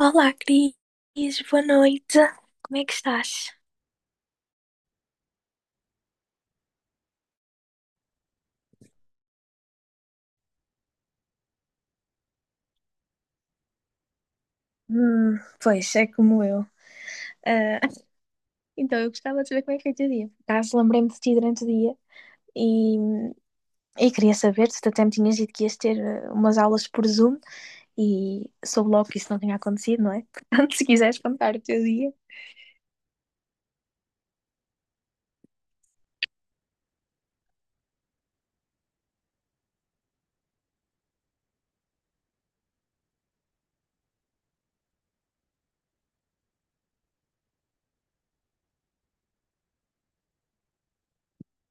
Olá, Cris, boa noite. Como é que estás? Pois, é como eu. Ah, então, eu gostava de saber como é que foi o teu dia. Por acaso, lembrei-me de ti durante o dia e, e queria saber se tu até me tinhas dito que ias ter umas aulas por Zoom e soube logo que isso não tinha acontecido, não é? Portanto, se quiseres contar o teu dia.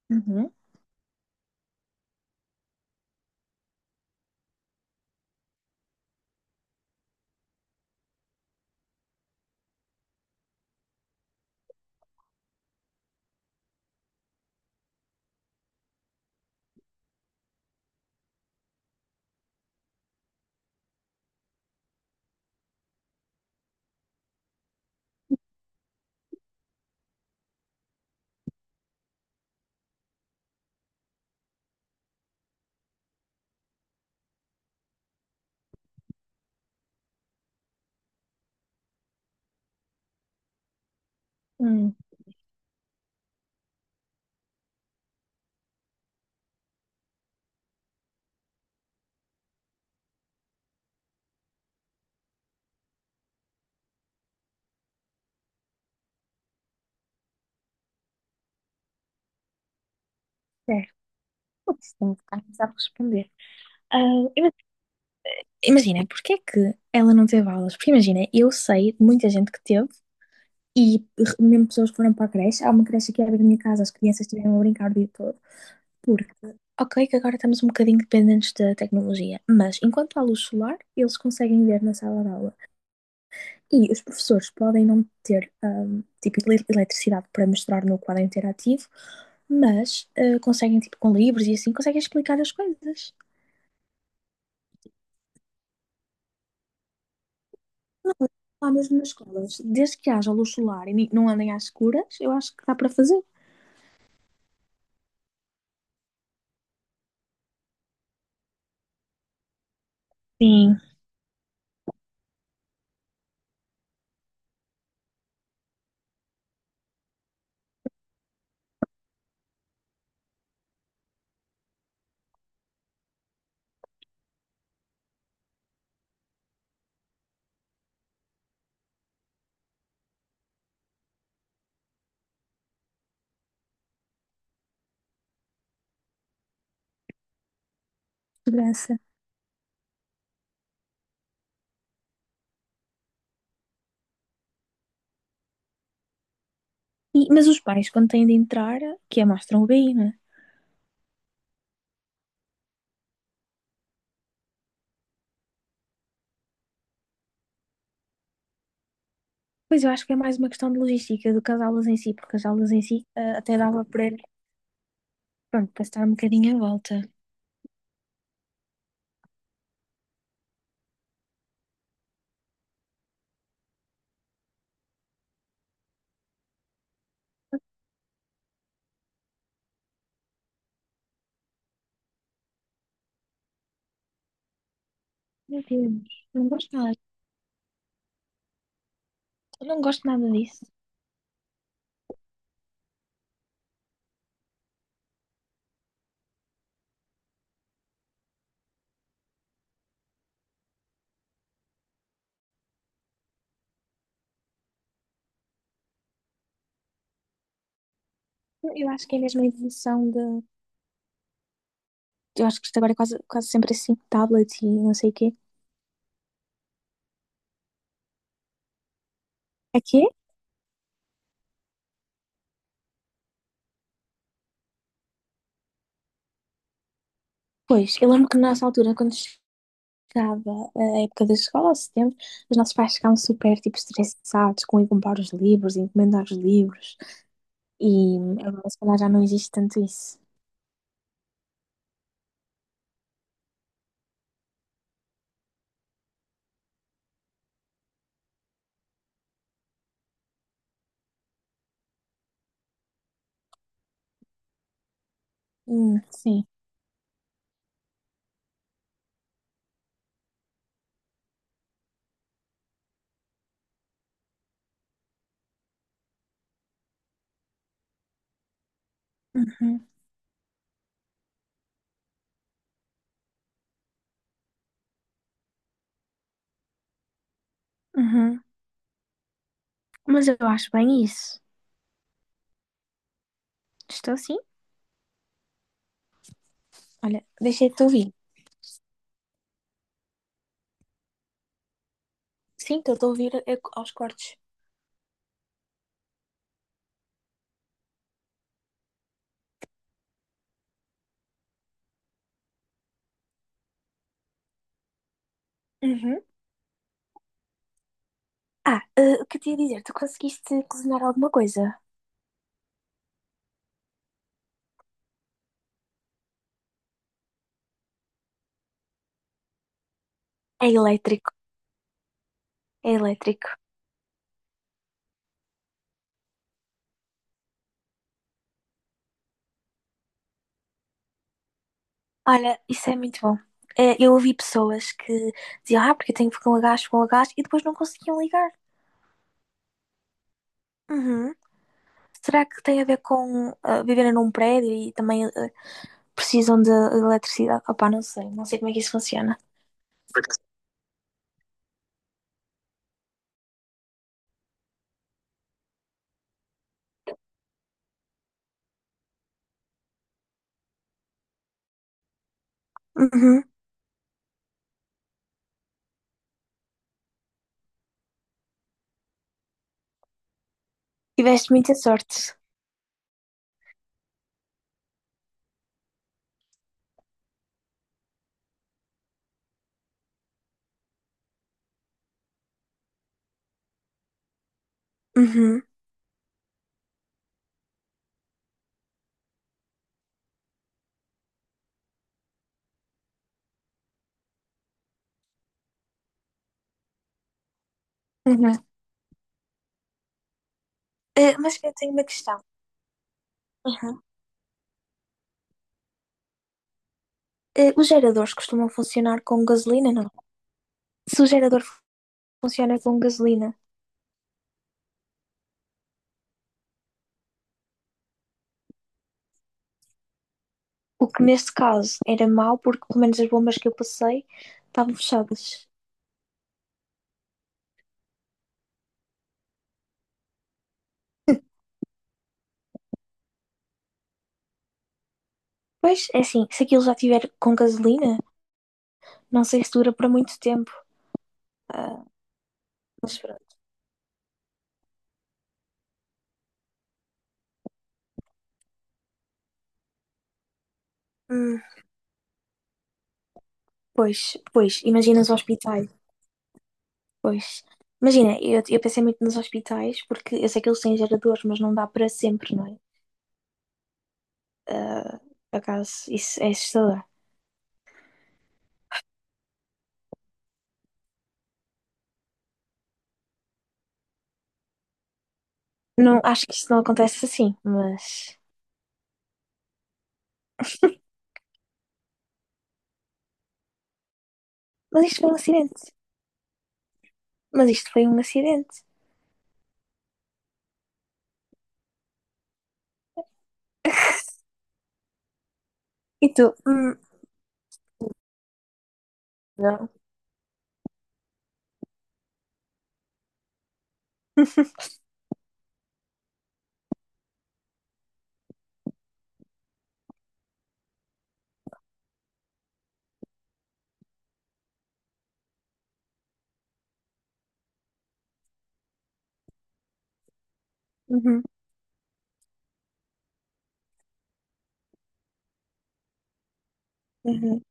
Uhum. Hum, certo. Putz, tenho que ficar a responder. Ah, ima- imagina, porque é que ela não teve aulas? Porque imagina, eu sei de muita gente que teve e mesmo pessoas que foram para a creche. Há uma creche aqui à beira da minha casa, as crianças estiveram a brincar o dia todo. Porque, ok, que agora estamos um bocadinho dependentes da tecnologia, mas enquanto há luz solar, eles conseguem ver na sala de aula. E os professores podem não ter, tipo, eletricidade para mostrar no quadro interativo, mas conseguem, tipo, com livros e assim, conseguem explicar as coisas. Lá mesmo nas escolas, desde que haja luz solar e não andem às escuras, eu acho que dá para fazer. Sim. Segurança. Mas os pais, quando têm de entrar, que é mostram o BI, não é? Pois eu acho que é mais uma questão de logística do que as aulas em si, porque as aulas em si até dava para, pronto, para estar um bocadinho à volta. Meu Deus, não gosto nada. Eu não gosto nada disso. Eu acho que é mesmo a evolução de. Eu acho que isto agora é quase, quase sempre assim, tablet e não sei o quê. Aqui? Pois, eu lembro que na nossa altura, quando chegava a época da escola, ao setembro, os nossos pais ficavam super, tipo, estressados com ir comprar os livros, encomendar os livros. E agora, se calhar, já não existe tanto isso. Sim. Uhum, uhum. Mas eu acho bem isso. Estou sim? Olha, deixei-te ouvir. Sim, estou a ouvir aos cortes. Uhum. Ah, o que eu tinha a dizer? Tu conseguiste cozinhar alguma coisa? É elétrico, é elétrico. Olha, isso é muito bom. Eu ouvi pessoas que diziam, ah, porque eu tenho fogão a gás, e depois não conseguiam ligar. Uhum. Será que tem a ver com viverem num prédio e também precisam de eletricidade? Opá, não sei, não sei como é que isso funciona. Uhum. Tiveste muita sorte. Uhum. Uhum. Mas eu tenho uma questão. Uhum. Os geradores costumam funcionar com gasolina, não? Se o gerador funciona com gasolina. O que neste caso era mau, porque pelo menos as bombas que eu passei estavam fechadas. Pois, é assim, se aquilo já tiver com gasolina, não sei se dura para muito tempo. Mas pronto. Hum, pois, pois, imagina os hospitais. Pois. Imagina, eu pensei muito nos hospitais, porque eu sei que eles têm geradores, mas não dá para sempre, não é? Por acaso, isso é assustador. Não, acho que isto não acontece assim, mas. Mas isto foi um acidente. Mas isto foi um acidente. E tu? Não. Uhum, uhum,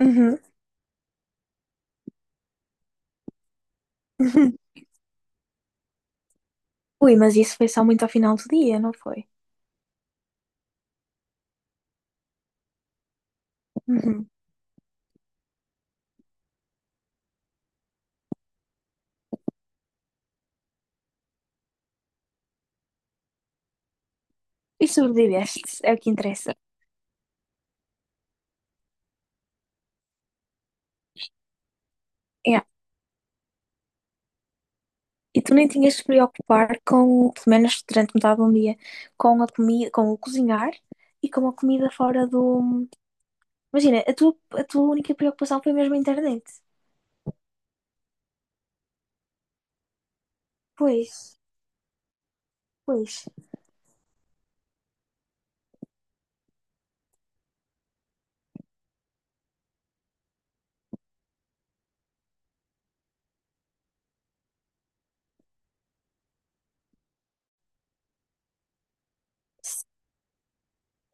uhum. Uhum. Ui, mas isso foi só muito ao final do dia, não foi? Uhum. E sobreviveste, é o que interessa. É. E tu nem tinhas de te preocupar com, pelo menos durante metade do dia, com a comida, com o cozinhar e com a comida fora do. Imagina, a tua única preocupação foi mesmo a internet. Pois, pois.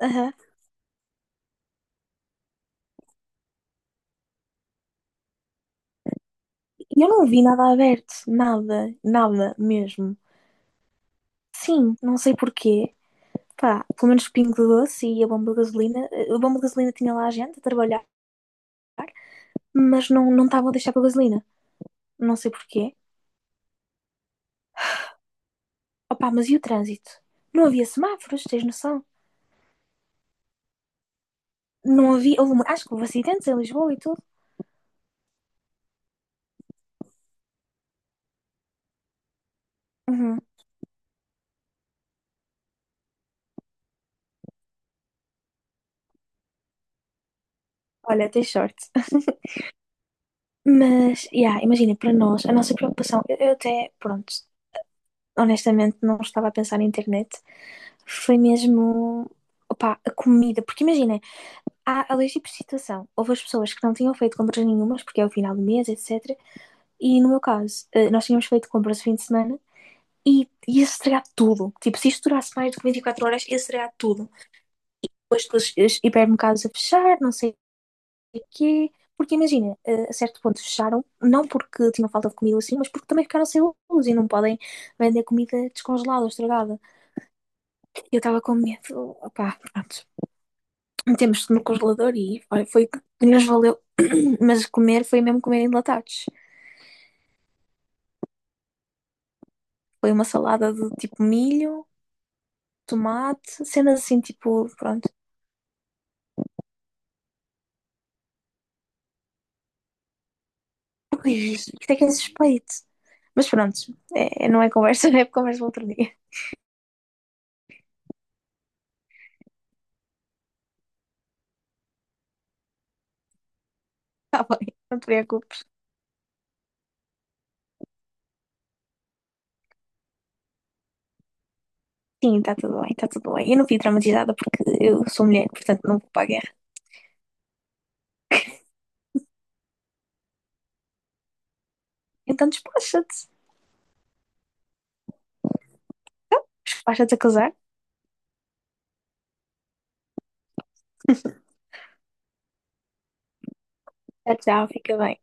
Aham. E eu não vi nada aberto, nada, nada mesmo. Sim, não sei porquê. Pá, pelo menos o Pingo Doce e a bomba de gasolina. A bomba de gasolina tinha lá a gente a trabalhar. Mas não estavam a deixar para gasolina. Não sei porquê. Opa, mas e o trânsito? Não havia semáforos, tens noção? Não havia, houve, acho que houve acidentes em Lisboa e tudo. Uhum. Olha, tens sorte. Mas, yeah, imagina, para nós, a nossa preocupação, eu até, pronto, honestamente não estava a pensar na internet, foi mesmo, opá, a comida, porque imagina, há a leis de situação, houve as pessoas que não tinham feito compras nenhumas, porque é o final do mês, etc. E no meu caso, nós tínhamos feito compras o fim de semana, e ia estragar tudo. Tipo, se isto durasse mais do que 24 horas, ia estragar tudo. Depois os hipermercados a fechar, não sei o quê. Porque imagina, a certo ponto fecharam, não porque tinham falta de comida assim, mas porque também ficaram sem luz e não podem vender comida descongelada ou estragada. Eu estava com medo, opá, pronto. Metemos no congelador e olha, foi que nos valeu. Mas comer foi mesmo comer enlatados. Foi uma salada de tipo milho, tomate, cenas assim, tipo, pronto. Ui, isto é que é suspeito. Mas pronto, não é conversa, é conversa para outro dia. Está bem, não te preocupes. Sim, está tudo bem, está tudo bem. Eu não fui traumatizada porque eu sou mulher, portanto não vou para a guerra. Então despacha-te. Despacha-te a casar. Tchau, tchau, fica bem. Tchau.